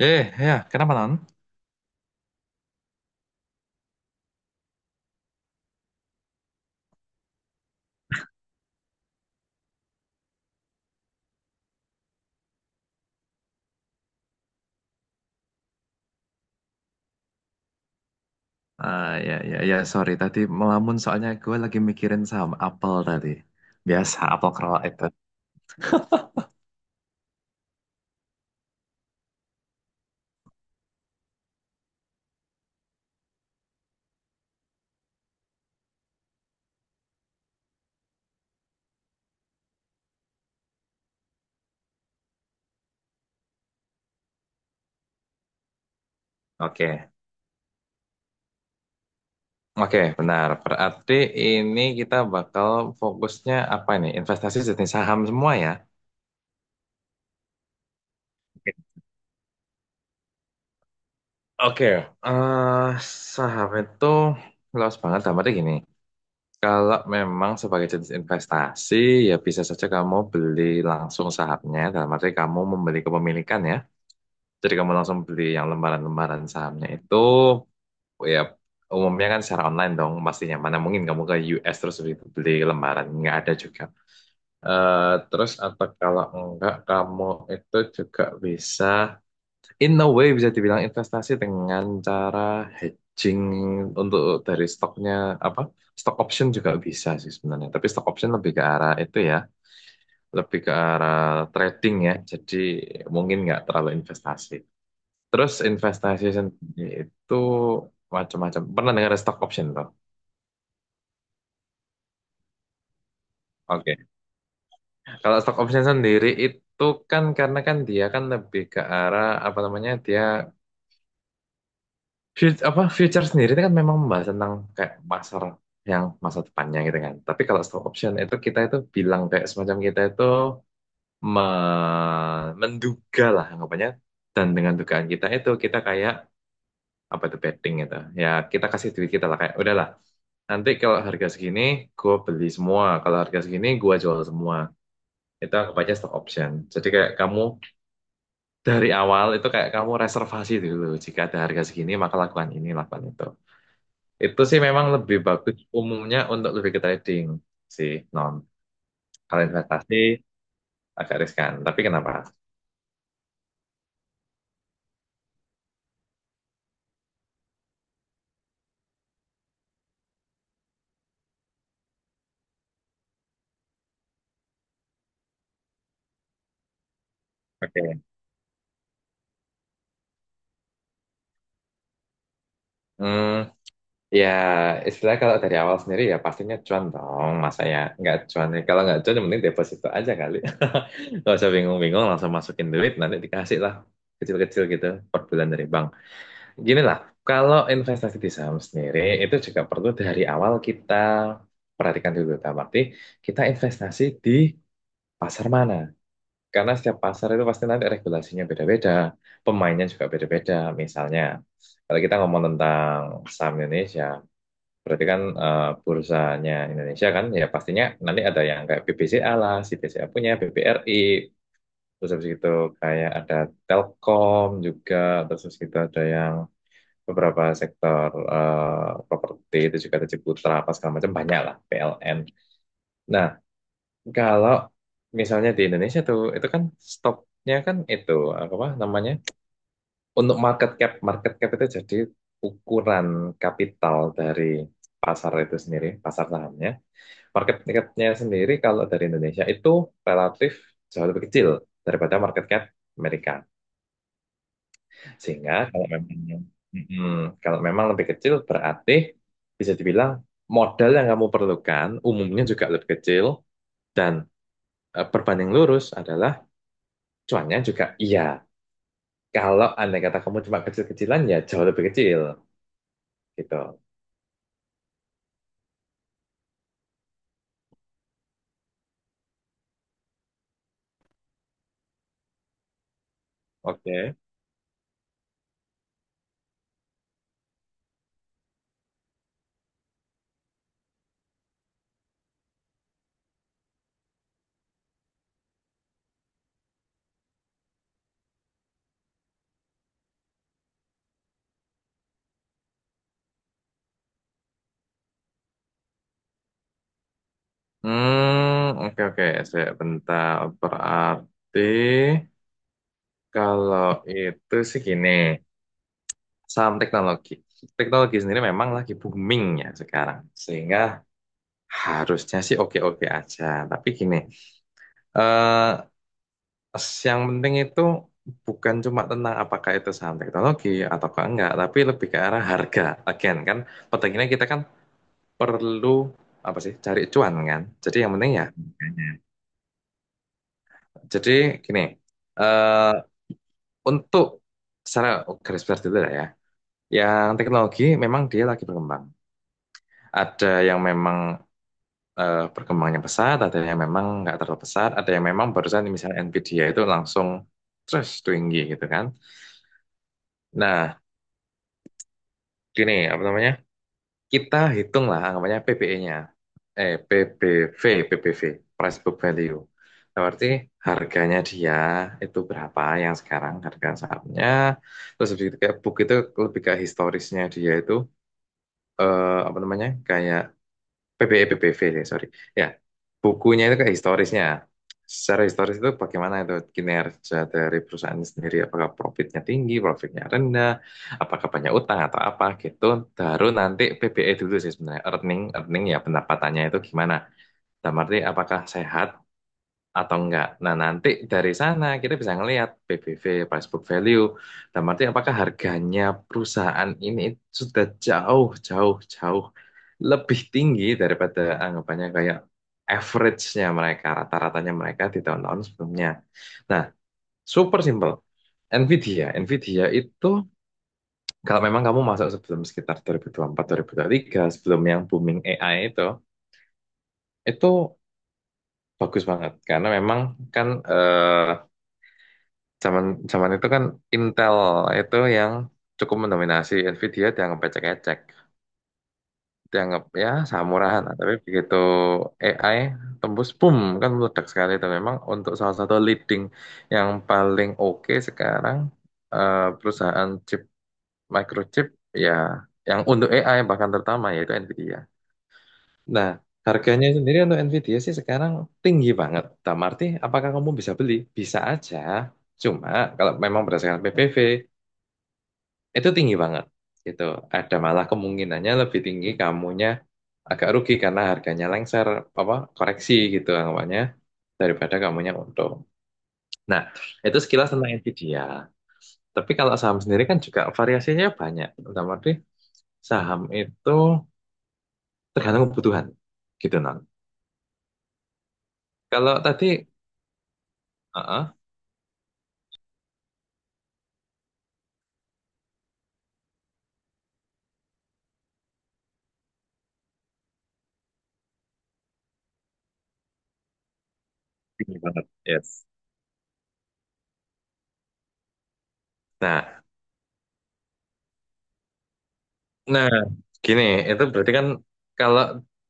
Eh, ya, kenapa non? Ya, ya, ya, sorry tadi melamun soalnya gue lagi mikirin saham Apple tadi. Biasa Apple Crow itu. Oke, Oke, benar. Berarti ini kita bakal fokusnya apa nih? Investasi jenis saham semua ya? Oke. eh, Saham itu luas banget. Tapi gini, kalau memang sebagai jenis investasi, ya bisa saja kamu beli langsung sahamnya. Dalam arti kamu membeli kepemilikan ya. Jadi kamu langsung beli yang lembaran-lembaran sahamnya itu, ya umumnya kan secara online dong, pastinya. Mana mungkin kamu ke US terus beli, lembaran, nggak ada juga. Terus atau kalau enggak, kamu itu juga bisa, in a way bisa dibilang investasi dengan cara hedging untuk dari stoknya, apa, stock option juga bisa sih sebenarnya. Tapi stock option lebih ke arah itu ya, lebih ke arah trading ya, jadi mungkin nggak terlalu investasi. Terus investasi sendiri itu macam-macam. Pernah dengar stock option toh? Oke. Kalau stock option sendiri itu kan, karena kan dia kan lebih ke arah apa namanya, dia apa, future sendiri itu kan memang membahas tentang kayak pasar yang masa depannya gitu kan. Tapi kalau stock option itu, kita itu bilang kayak semacam kita itu menduga lah anggapannya, dan dengan dugaan kita itu kita kayak apa itu betting gitu, ya kita kasih duit kita lah kayak udahlah. Nanti kalau harga segini gue beli semua, kalau harga segini gue jual semua, itu anggap aja stock option, jadi kayak kamu dari awal itu kayak kamu reservasi dulu jika ada harga segini maka lakukan ini lakukan itu. Itu sih memang lebih bagus umumnya untuk lebih ke trading sih non, kalau investasi agak riskan tapi kenapa. Oke. Hmm, ya, istilah kalau dari awal sendiri ya pastinya cuan dong. Masa ya nggak cuan. Kalau nggak cuan, yang penting deposito aja kali. Nggak usah bingung-bingung, langsung masukin duit, nanti dikasih lah. Kecil-kecil gitu per bulan dari bank. Gini lah, kalau investasi di saham sendiri, itu juga perlu dari awal kita perhatikan dulu. Dalam arti, kita investasi di pasar mana. Karena setiap pasar itu pasti nanti regulasinya beda-beda. Pemainnya juga beda-beda, misalnya. Kalau kita ngomong tentang saham Indonesia, berarti kan, bursanya Indonesia kan, ya pastinya nanti ada yang kayak BBCA lah, si BCA punya, BBRI, terus habis itu kayak ada Telkom juga, terus habis itu ada yang beberapa sektor, properti itu juga ada Ciputra apa segala macam banyak lah, PLN. Nah, kalau misalnya di Indonesia tuh, itu kan stoknya kan itu apa namanya? Untuk market cap itu jadi ukuran kapital dari pasar itu sendiri, pasar sahamnya. Market cap-nya sendiri kalau dari Indonesia itu relatif jauh lebih kecil daripada market cap Amerika. Sehingga kalau memang kalau memang lebih kecil, berarti bisa dibilang modal yang kamu perlukan umumnya juga lebih kecil, dan berbanding lurus adalah cuannya juga iya. Kalau andai kata kamu cuma kecil-kecilan, ya jauh lebih kecil gitu. Oke. Hmm, oke, oke, sebentar. Berarti kalau itu sih gini, saham teknologi. Teknologi sendiri memang lagi booming ya sekarang. Sehingga harusnya sih oke-oke aja. Tapi gini, eh, yang penting itu bukan cuma tentang apakah itu saham teknologi atau enggak, tapi lebih ke arah harga. Again kan, pentingnya kita kan perlu apa sih cari cuan kan. Jadi yang penting ya harganya. Jadi gini, eh, untuk secara garis besar dulu lah ya. Yang teknologi memang dia lagi berkembang. Ada yang memang berkembangnya pesat, ada yang memang nggak terlalu pesat, ada yang memang barusan misalnya Nvidia itu langsung terus tinggi gitu kan. Nah, gini, apa namanya? Kita hitung hitunglah anggapannya PBE-nya, eh, PBV, PBV, Price Book Value. Nah, berarti harganya dia itu berapa yang sekarang harga sahamnya. Terus lebih kayak book itu lebih ke historisnya dia itu, apa namanya? Kayak PBE, PBV, ya, sorry. Ya, bukunya itu kayak historisnya. Secara historis itu bagaimana itu kinerja dari perusahaan ini sendiri, apakah profitnya tinggi, profitnya rendah, apakah banyak utang atau apa gitu. Baru nanti PBE dulu sih sebenarnya, earning ya pendapatannya itu gimana. Dalam arti apakah sehat atau enggak. Nah, nanti dari sana kita bisa ngelihat PBV, price book value. Dan arti apakah harganya perusahaan ini sudah jauh, jauh, jauh lebih tinggi daripada anggapannya kayak average-nya mereka, rata-ratanya mereka di tahun-tahun sebelumnya. Nah, super simple. Nvidia itu kalau memang kamu masuk sebelum sekitar 2024-2023, sebelum yang booming AI itu bagus banget karena memang kan, Zaman zaman itu kan Intel itu yang cukup mendominasi. Nvidia dianggap ecek-ecek, dianggap ya samurahan. Nah, tapi begitu AI tembus, boom, kan meledak sekali. Dan memang untuk salah satu leading yang paling oke sekarang, perusahaan chip, microchip, ya, yang untuk AI bahkan terutama yaitu Nvidia. Nah, harganya sendiri untuk Nvidia sih sekarang tinggi banget. Dalam arti, apakah kamu bisa beli? Bisa aja. Cuma kalau memang berdasarkan PPV itu tinggi banget gitu, ada malah kemungkinannya lebih tinggi kamunya agak rugi karena harganya lengser apa koreksi gitu anggapannya, daripada kamunya untung. Nah, itu sekilas tentang Nvidia. Tapi kalau saham sendiri kan juga variasinya banyak, dalam arti saham itu tergantung kebutuhan gitu non. Kalau tadi uh tinggi banget, yes. Nah. Nah, gini, itu berarti kan kalau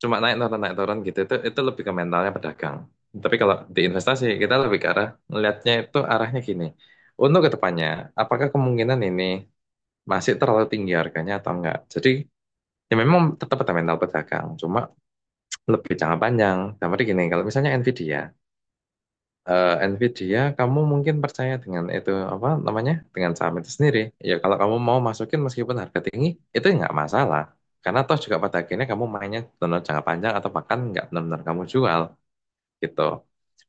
cuma naik turun gitu, itu lebih ke mentalnya pedagang. Tapi kalau di investasi kita lebih ke arah melihatnya itu arahnya gini. Untuk ke depannya, apakah kemungkinan ini masih terlalu tinggi harganya atau enggak? Jadi ya memang tetap ada mental pedagang, cuma lebih jangka panjang. Tapi gini, kalau misalnya Nvidia, kamu mungkin percaya dengan itu apa namanya, dengan saham itu sendiri. Ya kalau kamu mau masukin meskipun harga tinggi, itu nggak masalah. Karena toh juga pada akhirnya kamu mainnya benar jangka panjang atau bahkan nggak benar-benar kamu jual gitu.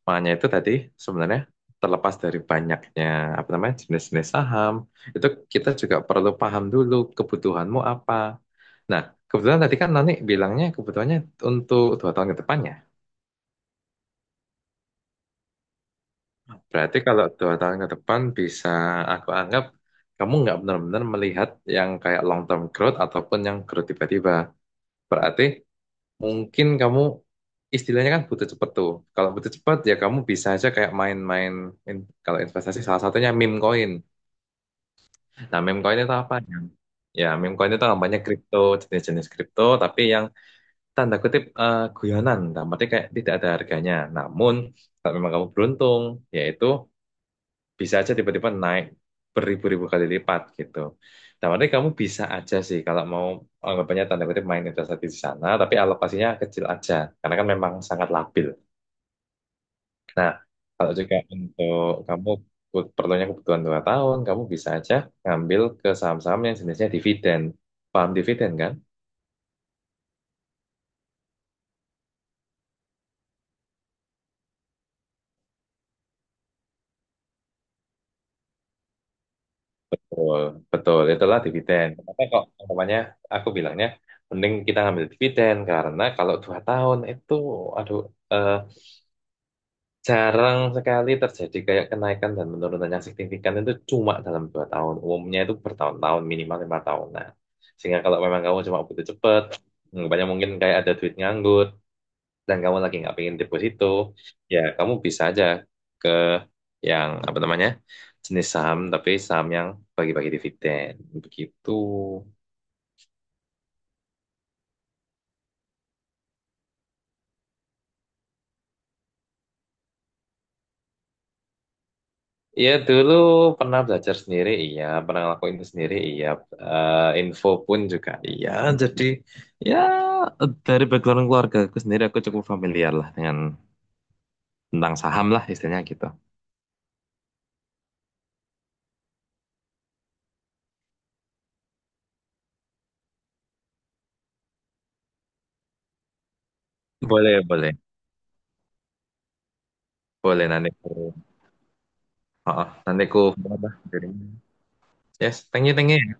Makanya itu tadi sebenarnya terlepas dari banyaknya apa namanya jenis-jenis saham itu, kita juga perlu paham dulu kebutuhanmu apa. Nah, kebetulan tadi kan Nani bilangnya kebutuhannya untuk 2 tahun ke depan ya. Berarti kalau 2 tahun ke depan bisa aku anggap kamu nggak benar-benar melihat yang kayak long term growth ataupun yang growth tiba-tiba. Berarti mungkin kamu istilahnya kan butuh cepet tuh. Kalau butuh cepet ya kamu bisa aja kayak main-main kalau investasi salah satunya meme coin. Nah, meme coin itu apa? Yang-? Ya, meme coin itu namanya kripto, jenis-jenis kripto tapi yang tanda kutip guyonan. Nah, berarti kayak tidak ada harganya. Namun kalau memang kamu beruntung, yaitu bisa aja tiba-tiba naik beribu-ribu kali lipat gitu. Nah, makanya kamu bisa aja sih kalau mau anggapannya tanda kutip main investasi di sana, tapi alokasinya kecil aja, karena kan memang sangat labil. Nah, kalau juga untuk kamu perlunya kebutuhan 2 tahun, kamu bisa aja ngambil ke saham-saham yang jenisnya dividen. Paham dividen kan? Betul, betul. Itulah dividen. Kenapa kok anggapannya aku bilangnya mending kita ngambil dividen, karena kalau 2 tahun itu, aduh, eh, jarang sekali terjadi kayak kenaikan dan penurunan yang signifikan itu cuma dalam 2 tahun. Umumnya itu bertahun-tahun, minimal 5 tahunan. Sehingga kalau memang kamu cuma butuh cepet, banyak mungkin kayak ada duit nganggur, dan kamu lagi nggak pengen deposito, ya kamu bisa aja ke yang apa namanya jenis saham, tapi saham yang bagi-bagi dividen. Begitu. Iya, dulu pernah belajar sendiri, iya. Pernah ngelakuin itu sendiri, iya. Info pun juga, iya. Jadi ya dari background keluarga aku sendiri, aku cukup familiar lah dengan tentang saham lah istilahnya gitu. Boleh, boleh. Boleh nanti ku apa? Yes, thank you, thank you.